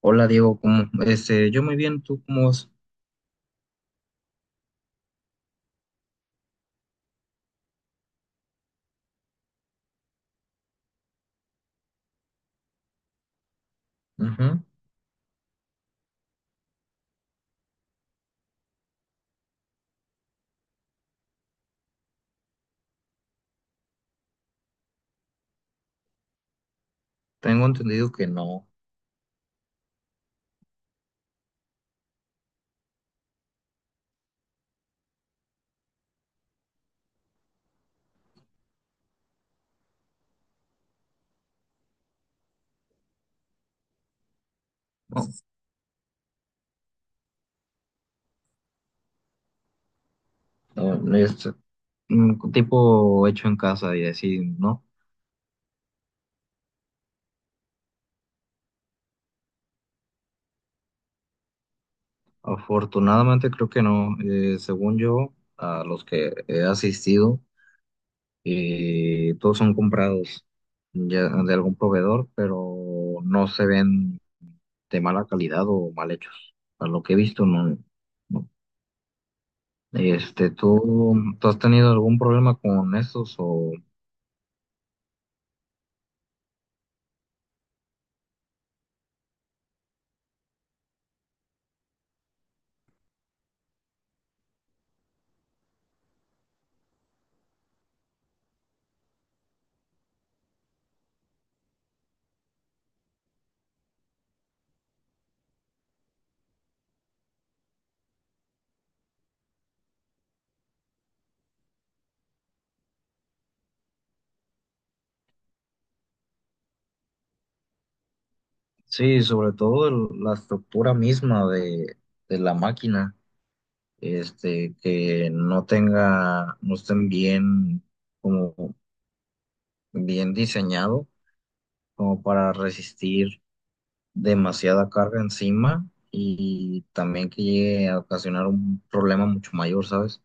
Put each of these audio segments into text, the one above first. Hola Diego, ¿cómo? Yo muy bien, ¿tú cómo vas? Ujú. Tengo entendido que no, no es tipo hecho en casa y así, ¿no? Afortunadamente creo que no. Según yo, a los que he asistido, todos son comprados ya de algún proveedor, pero no se ven de mala calidad o mal hechos. A lo que he visto, no. No. ¿Tú, tú has tenido algún problema con estos o...? Sí, sobre todo la estructura misma de la máquina, que no tenga, no estén bien, como bien diseñado, como para resistir demasiada carga encima y también que llegue a ocasionar un problema mucho mayor, ¿sabes?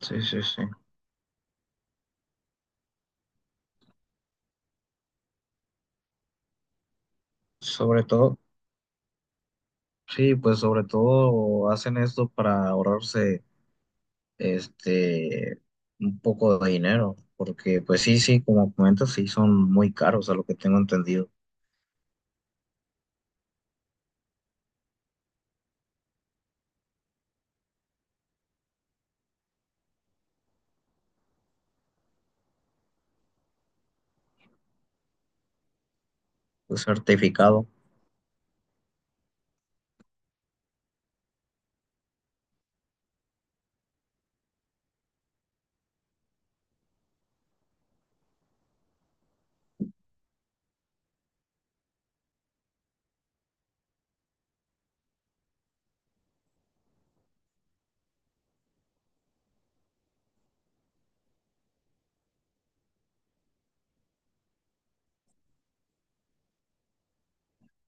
Sí, sí, sí. Sobre todo, sí, pues sobre todo hacen esto para ahorrarse este, un poco de dinero, porque pues sí, sí, como comentas, sí son muy caros a lo que tengo entendido. El certificado,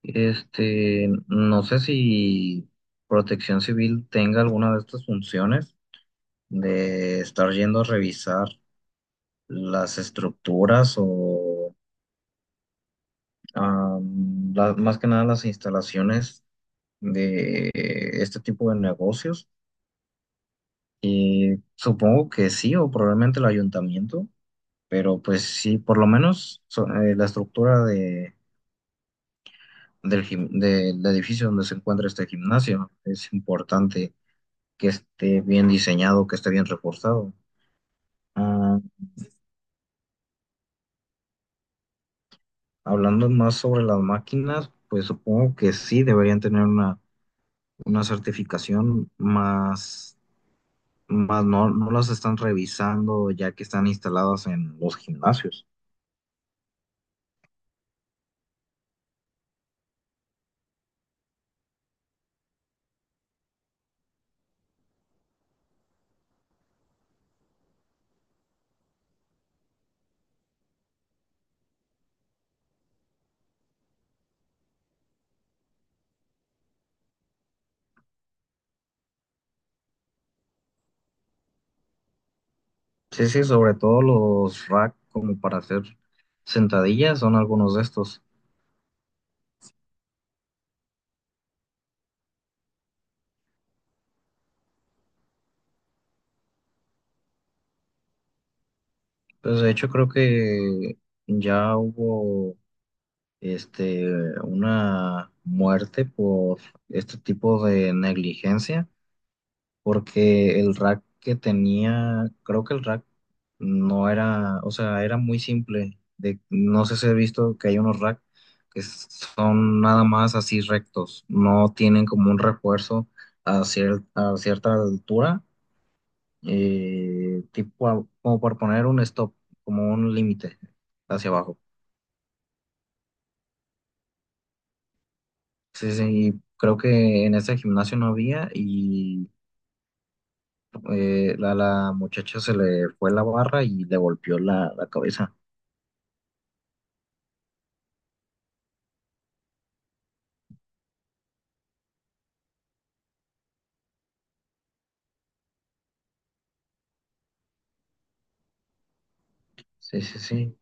no sé si Protección Civil tenga alguna de estas funciones de estar yendo a revisar las estructuras o más que nada las instalaciones de este tipo de negocios. Y supongo que sí, o probablemente el ayuntamiento. Pero pues sí, por lo menos la estructura del edificio donde se encuentra este gimnasio es importante que esté bien diseñado, que esté bien reforzado. Ah, Hablando más sobre las máquinas, pues supongo que sí deberían tener una certificación más, más no, no las están revisando ya que están instaladas en los gimnasios. Sí, sí, sobre todo los rack como para hacer sentadillas son algunos de estos. Pues de hecho creo que ya hubo este una muerte por este tipo de negligencia, porque el rack que tenía, creo que el rack no era, o sea, era muy simple. De, no sé si he visto que hay unos rack que son nada más así rectos, no tienen como un refuerzo a cierta altura, tipo como por poner un stop, como un límite hacia abajo. Sí, sí, creo que en ese gimnasio no había y la muchacha se le fue la barra y le golpeó la cabeza. Sí, sí, sí,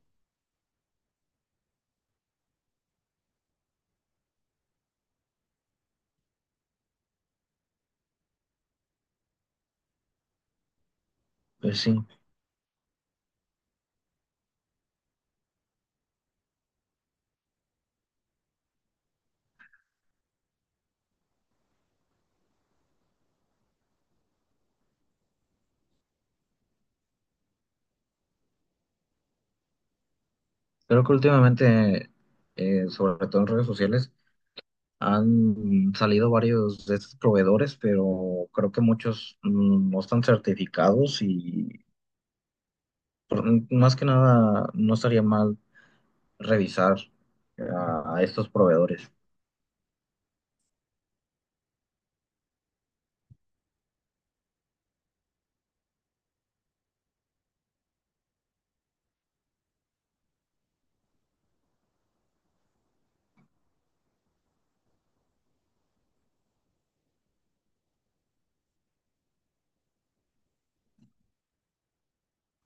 pues sí. Creo que últimamente, sobre todo en redes sociales, han salido varios de estos proveedores, pero creo que muchos no están certificados y por- más que nada no estaría mal revisar a estos proveedores.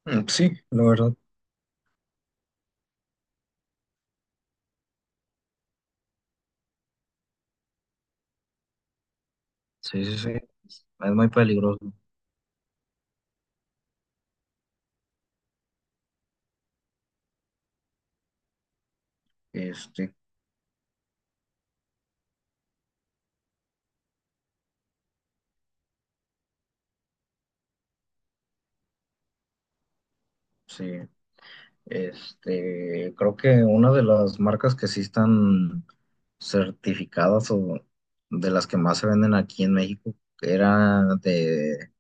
Sí, la verdad. Sí, sí, sí. Es muy peligroso. Este, sí. Creo que una de las marcas que sí están certificadas o de las que más se venden aquí en México era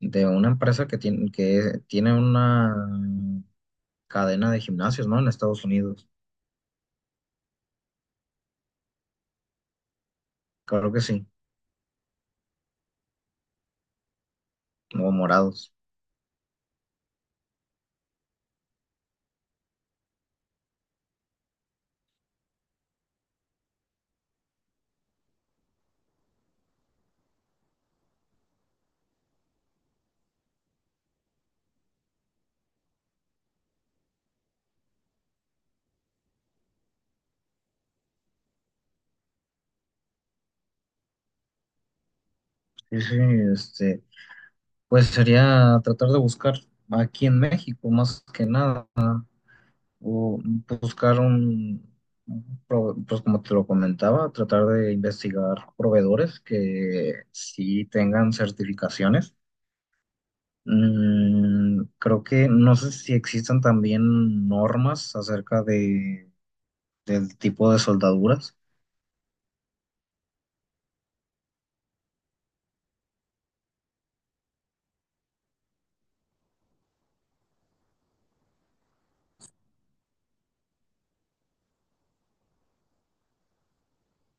de una empresa que tiene una cadena de gimnasios, ¿no? En Estados Unidos. Creo que sí. O morados. Sí, sí, este. Pues sería tratar de buscar aquí en México, más que nada, o buscar un, pues como te lo comentaba, tratar de investigar proveedores que sí tengan certificaciones. Mm, creo que no sé si existan también normas acerca del tipo de soldaduras.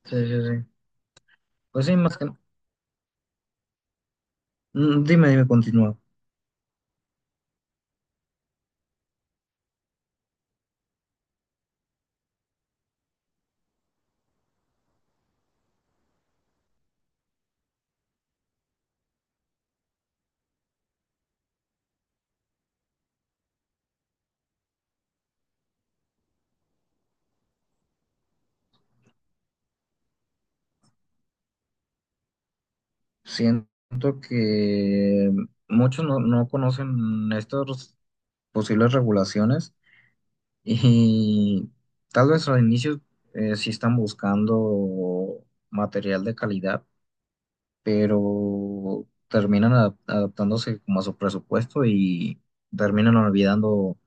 Sí, sí, sí. Pues sí, más que... Mm, dime, dime, continúa. Siento que muchos no, no conocen estos posibles regulaciones y tal vez al inicio, sí están buscando material de calidad, pero terminan adaptándose como a su presupuesto y terminan olvidando,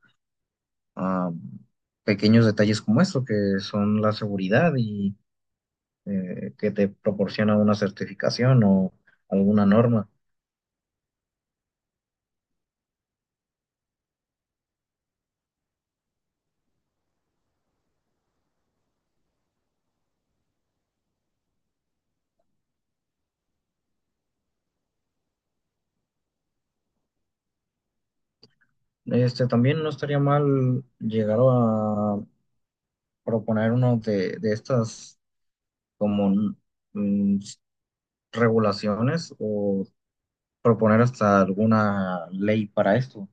ah, pequeños detalles como esto, que son la seguridad y que te proporciona una certificación o alguna norma. También no estaría mal llegar a proponer uno de estas como mm, regulaciones o proponer hasta alguna ley para esto.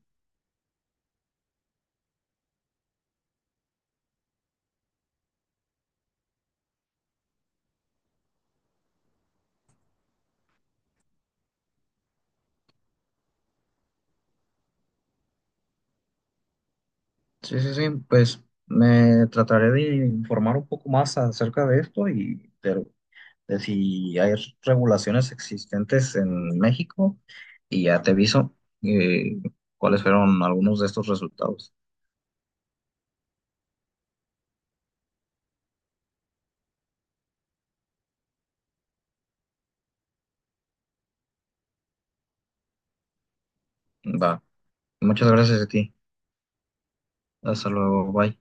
Sí, sí, sí, pues me trataré de informar un poco más acerca de esto y de si hay regulaciones existentes en México y ya te aviso, eh, cuáles fueron algunos de estos resultados. Va, muchas gracias a ti. Hasta luego, bye.